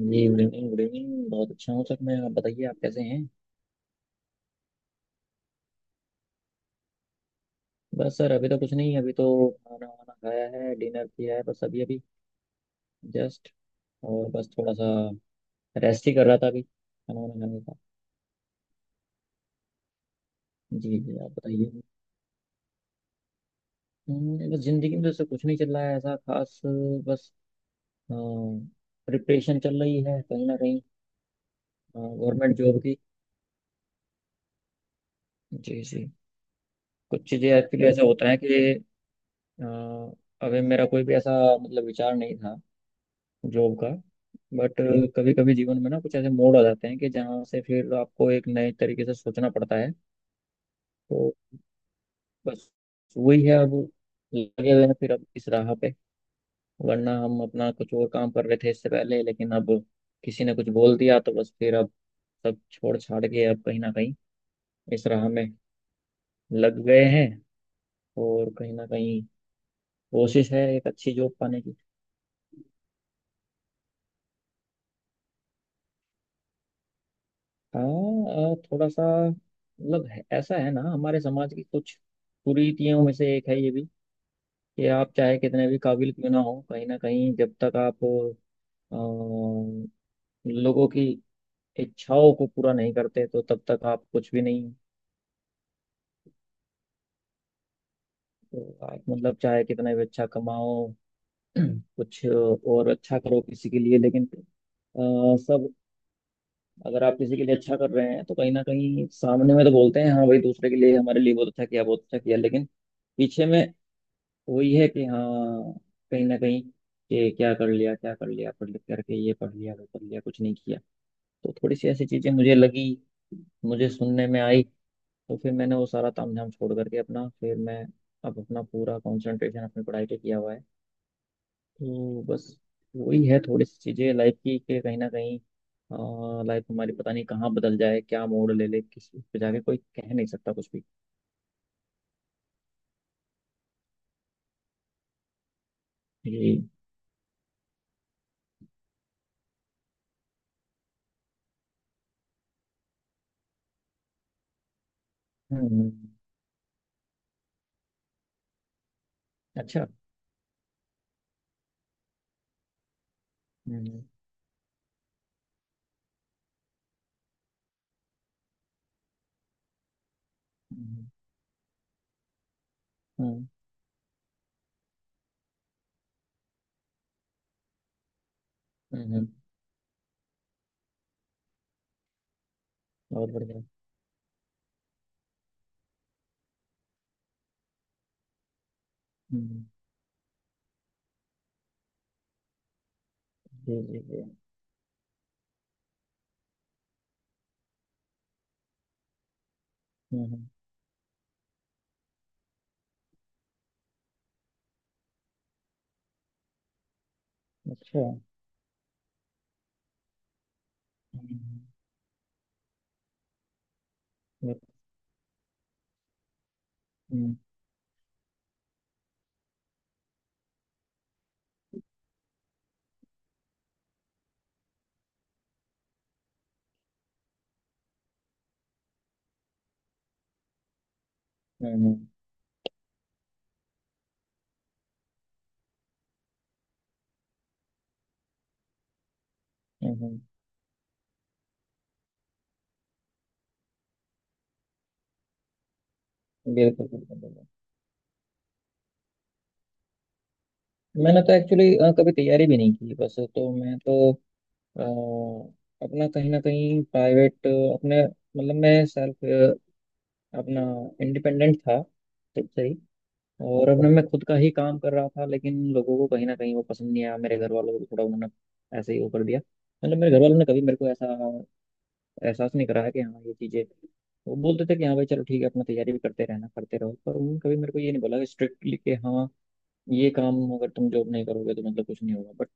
जी, good evening, good evening. बहुत अच्छा हूँ सर। मैं, आप बताइए आप कैसे हैं। बस सर अभी तो कुछ नहीं, अभी तो खाना वाना खाया है, डिनर किया है, बस अभी अभी, जस्ट। और बस थोड़ा सा रेस्ट ही कर रहा था, अभी खाना वाना खाने का। जी जी आप बताइए। बस जिंदगी में जैसे कुछ नहीं चल रहा है ऐसा खास, बस प्रिपरेशन चल रही है कहीं ना कहीं, गवर्नमेंट जॉब की। जी जी। कुछ चीज़ें एक्चुअली ऐसा होता है कि अ, अभी मेरा कोई भी ऐसा मतलब विचार नहीं था, जॉब का। बट कभी कभी जीवन में ना कुछ ऐसे मोड़ आ जाते हैं कि जहाँ से फिर आपको एक नए तरीके से सोचना पड़ता है। तो बस वही है अब, लगे हुए हैं फिर अब इस राह पे। वरना हम अपना कुछ और काम कर रहे थे इससे पहले, लेकिन अब किसी ने कुछ बोल दिया तो बस फिर अब सब छोड़ छाड़ के अब कहीं ना कहीं इस राह में लग गए हैं। और कहीं ना कहीं कोशिश है एक अच्छी जॉब पाने की। हाँ, थोड़ा सा मतलब ऐसा है ना, हमारे समाज की कुछ कुरीतियों में से एक है ये भी। ये आप चाहे कितने भी काबिल क्यों ना हो, कहीं ना कहीं जब तक आप अ, लोगों की इच्छाओं को पूरा नहीं करते तो तब तक आप कुछ भी नहीं हो। तो आप मतलब चाहे कितना भी अच्छा कमाओ, कुछ और अच्छा करो किसी के लिए, लेकिन सब, अगर आप किसी के लिए अच्छा कर रहे हैं तो कहीं ना कहीं सामने में तो बोलते हैं हाँ भाई दूसरे के लिए हमारे लिए बहुत अच्छा किया बहुत अच्छा किया, लेकिन पीछे में वही है कि हाँ, कहीं ना कहीं कि क्या कर लिया क्या कर लिया, पढ़ लिख करके ये पढ़ लिया वो पढ़ लिया कुछ नहीं किया। तो थोड़ी सी ऐसी चीजें मुझे लगी, मुझे सुनने में आई। तो फिर मैंने वो सारा तामझाम छोड़ करके अपना, फिर मैं अब अपना पूरा कंसंट्रेशन अपनी पढ़ाई पे किया हुआ है। तो बस वही है, थोड़ी सी चीजें लाइफ की कि कहीं ना कहीं लाइफ हमारी पता नहीं कहाँ बदल जाए, क्या मोड़ ले ले, किस, उस पे जाके कोई कह नहीं सकता कुछ भी। जी। हम्म। अच्छा। हम्म हम्म। हम्म हम्म। बहुत बढ़िया। हम्म। जी जी जी। हम्म। अच्छा। हम्म हम्म। हम्म हम्म। हम्म। हम्म। बिल्कुल बिल्कुल बिल्कुल मैंने तो एक्चुअली कभी तैयारी भी नहीं की बस तो मैं तो अ, अपना कहीं ना कहीं प्राइवेट अपने मतलब मैं सेल्फ अपना इंडिपेंडेंट था खुद से ही और अपने मैं खुद का ही काम कर रहा था लेकिन लोगों को कहीं ना कहीं वो पसंद नहीं आया मेरे घर वालों को भी थोड़ा उन्होंने ऐसे ही वो कर दिया मतलब मेरे घर वालों ने कभी मेरे को ऐसा एहसास नहीं कराया कि हाँ ये चीज़ें वो बोलते थे कि हाँ भाई चलो ठीक है अपना तैयारी भी करते रहना करते रहो पर उन्होंने कभी मेरे को ये नहीं बोला स्ट्रिक्टली कि हाँ ये काम अगर तुम जॉब नहीं करोगे तो मतलब कुछ नहीं होगा बट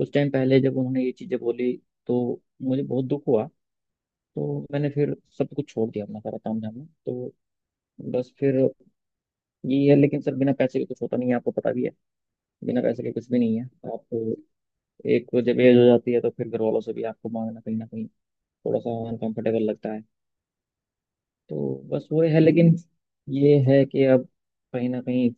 उस टाइम पहले जब उन्होंने ये चीजें बोली तो मुझे बहुत दुख हुआ तो मैंने फिर सब कुछ छोड़ दिया अपना सारा ताम झाम तो बस फिर ये है लेकिन सर बिना पैसे के कुछ होता नहीं है आपको पता भी है बिना पैसे के कुछ भी नहीं है आप एक जब एज हो जाती है तो फिर घर वालों से भी आपको मांगना कहीं ना कहीं थोड़ा सा अनकंफर्टेबल लगता है तो बस वो है लेकिन ये है कि अब कहीं ना कहीं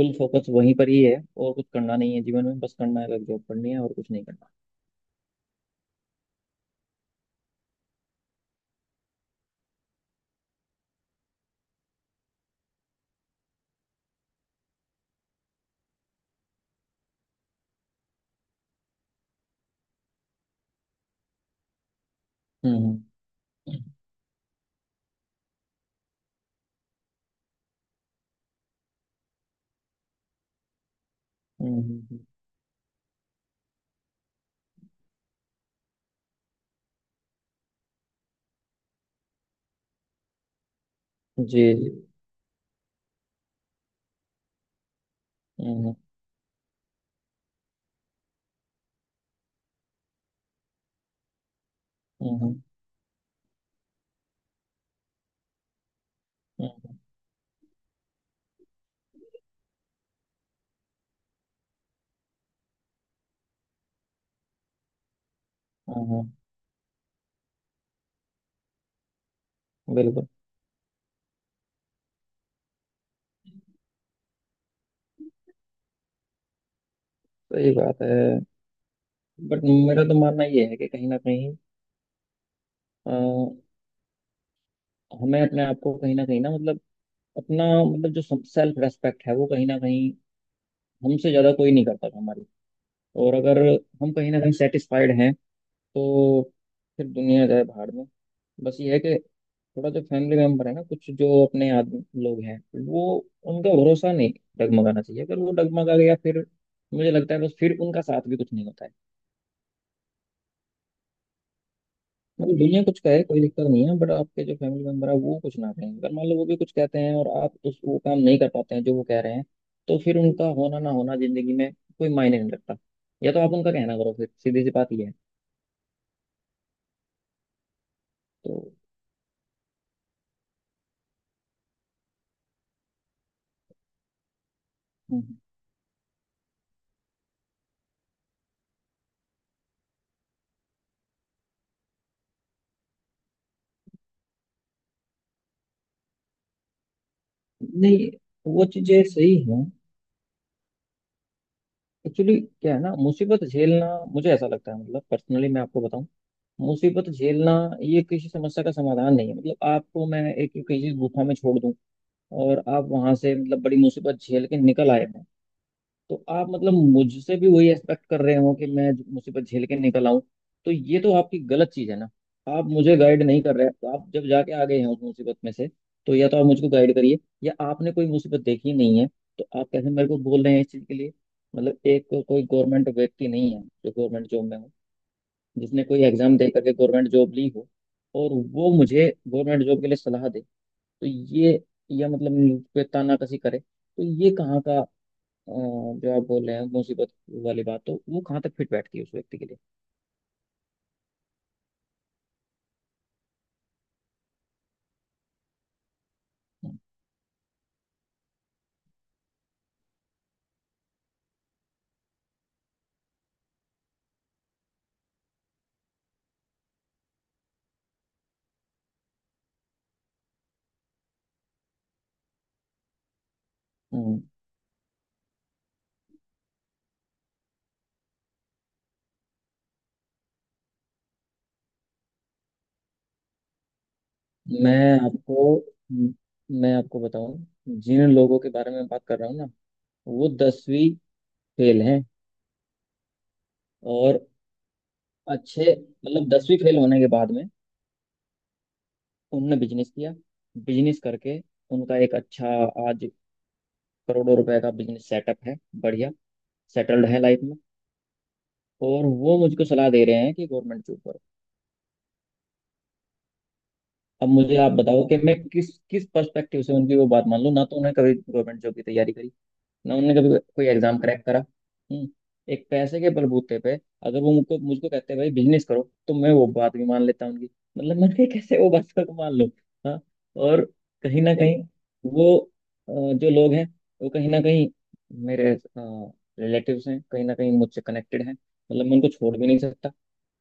फुल फोकस वहीं पर ही है और कुछ करना नहीं है जीवन में बस करना है बस जॉब करनी है और कुछ नहीं करना हम्म हम्म, जी जी हम्म, हम्म, हम्म, हम्म, हम्म, बिल्कुल। सही बात है। बट मेरा तो मानना ये है कि कहीं ना कहीं अ, हमें अपने आप को कहीं ना मतलब अपना, मतलब जो सेल्फ रेस्पेक्ट है वो कहीं ना कहीं, हमसे ज्यादा कोई नहीं करता हमारी। और अगर हम कहीं ना कहीं सेटिस्फाइड हैं तो फिर दुनिया जाए भाड़ में। बस ये है कि थोड़ा जो फैमिली मेंबर है ना, कुछ जो अपने आदमी लोग हैं वो, उनका भरोसा नहीं डगमगाना चाहिए। अगर वो डगमगा गया फिर, मुझे लगता है बस फिर उनका साथ भी कुछ नहीं होता है। मतलब दुनिया कुछ कहे कोई दिक्कत नहीं है, बट आपके जो फैमिली मेंबर है वो कुछ ना कहें, अगर मान लो वो भी कुछ कहते हैं और आप उस, वो काम नहीं कर पाते हैं जो वो कह रहे हैं, तो फिर उनका होना ना होना जिंदगी में कोई मायने नहीं रखता। या तो आप उनका कहना करो, फिर सीधी सी बात ये है तो। हम्म। नहीं, वो चीजें सही हैं। एक्चुअली क्या है ना, मुसीबत झेलना, मुझे ऐसा लगता है, मतलब पर्सनली मैं आपको बताऊं, मुसीबत झेलना ये किसी समस्या का समाधान नहीं है। मतलब आपको मैं एक किसी गुफा में छोड़ दूं और आप वहां से मतलब बड़ी मुसीबत झेल के निकल आए, तो आप मतलब मुझसे भी वही एक्सपेक्ट कर रहे हो कि मैं मुसीबत झेल के निकल आऊं, तो ये तो आपकी गलत चीज है ना। आप मुझे गाइड नहीं कर रहे, तो आप जब जाके आ गए हैं उस मुसीबत में से, तो या तो आप मुझको गाइड करिए, या आपने कोई मुसीबत देखी नहीं है तो आप कैसे मेरे को बोल रहे हैं इस चीज के लिए। मतलब कोई गवर्नमेंट व्यक्ति नहीं है जो गवर्नमेंट जॉब में हो, जिसने कोई एग्जाम दे करके गवर्नमेंट जॉब ली हो और वो मुझे गवर्नमेंट जॉब के लिए सलाह दे, तो ये, या मतलब मुझ पे तानाकसी करे, तो ये कहाँ का अ, जो आप बोल रहे हैं मुसीबत वाली बात, तो वो कहाँ तक फिट बैठती है उस व्यक्ति के लिए। हम्म। मैं आपको हम्म, मैं आपको बताऊं, जिन लोगों के बारे में बात कर रहा हूँ ना, वो दसवीं फेल हैं। और अच्छे मतलब, दसवीं फेल होने के बाद में उनने बिजनेस किया, बिजनेस करके उनका एक अच्छा, आज करोड़ों रुपए का बिजनेस सेटअप है, बढ़िया सेटल्ड है लाइफ में। और वो मुझको सलाह दे रहे हैं कि गवर्नमेंट जॉब करो। अब मुझे आप बताओ कि मैं किस किस पर्सपेक्टिव से उनकी वो बात मान लूं, ना तो उन्होंने कभी गवर्नमेंट जॉब की तैयारी करी, ना उन्होंने कभी कोई एग्जाम क्रैक करा। हम्म। एक पैसे के बलबूते पे अगर वो मुझको मुझको कहते हैं भाई बिजनेस करो, तो मैं वो बात भी मान लेता हूं उनकी। मतलब मैं कहा, कैसे वो बात को मान लूं। हाँ। और कहीं ना कहीं वो जो लोग हैं वो कहीं ना कहीं मेरे रिलेटिव्स हैं, कहीं ना कहीं मुझसे कनेक्टेड हैं, मतलब मैं उनको छोड़ भी नहीं सकता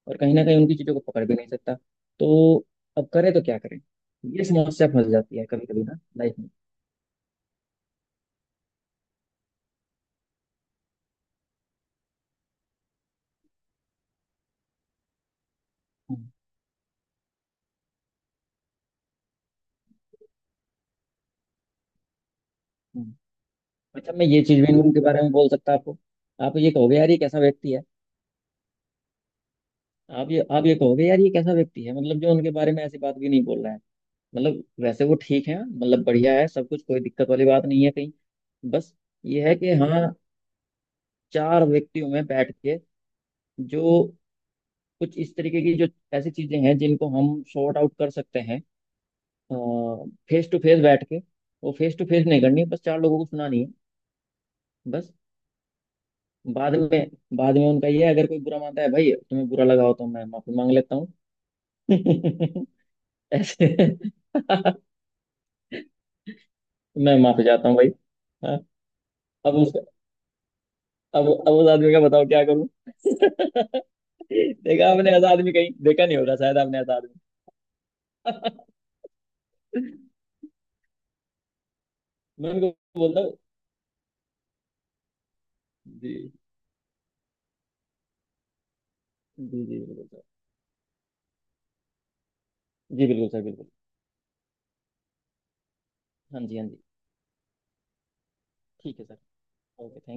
और कहीं ना कहीं उनकी चीजों को पकड़ भी नहीं सकता। तो अब करें तो क्या करें, ये समस्या फंस जाती है कभी कभी ना लाइफ में। हम्म हम्म। अच्छा। मैं ये चीज भी नहीं उनके बारे में बोल सकता आपको, आप ये कहोगे यार ये कैसा व्यक्ति है। आप ये कहोगे यार ये कैसा व्यक्ति है, मतलब जो उनके बारे में ऐसी बात भी नहीं बोल रहा है। मतलब वैसे वो ठीक है, मतलब बढ़िया है सब कुछ, कोई दिक्कत वाली बात नहीं है कहीं। बस ये है कि हाँ, चार व्यक्तियों में बैठ के जो कुछ इस तरीके की जो ऐसी चीजें हैं जिनको हम सॉर्ट आउट कर सकते हैं फेस टू फेस बैठ के, वो फेस टू फेस नहीं करनी, बस चार लोगों को सुनानी है। बस बाद में, बाद में उनका ये है, अगर कोई बुरा मानता है भाई तुम्हें बुरा लगा हो तो मैं माफी मांग लेता हूँ। ऐसे। मैं माफी चाहता हूँ भाई। हाँ, अब उस अब उस आदमी का बताओ क्या करूँ। देखा आपने ऐसा आदमी कहीं, देखा नहीं होगा शायद आपने ऐसा आदमी। मैं उनको बोलता हूँ। जी जी जी बिल्कुल सर। जी बिल्कुल सर बिल्कुल। हाँ जी, हाँ जी। ठीक है सर, ओके थैंक।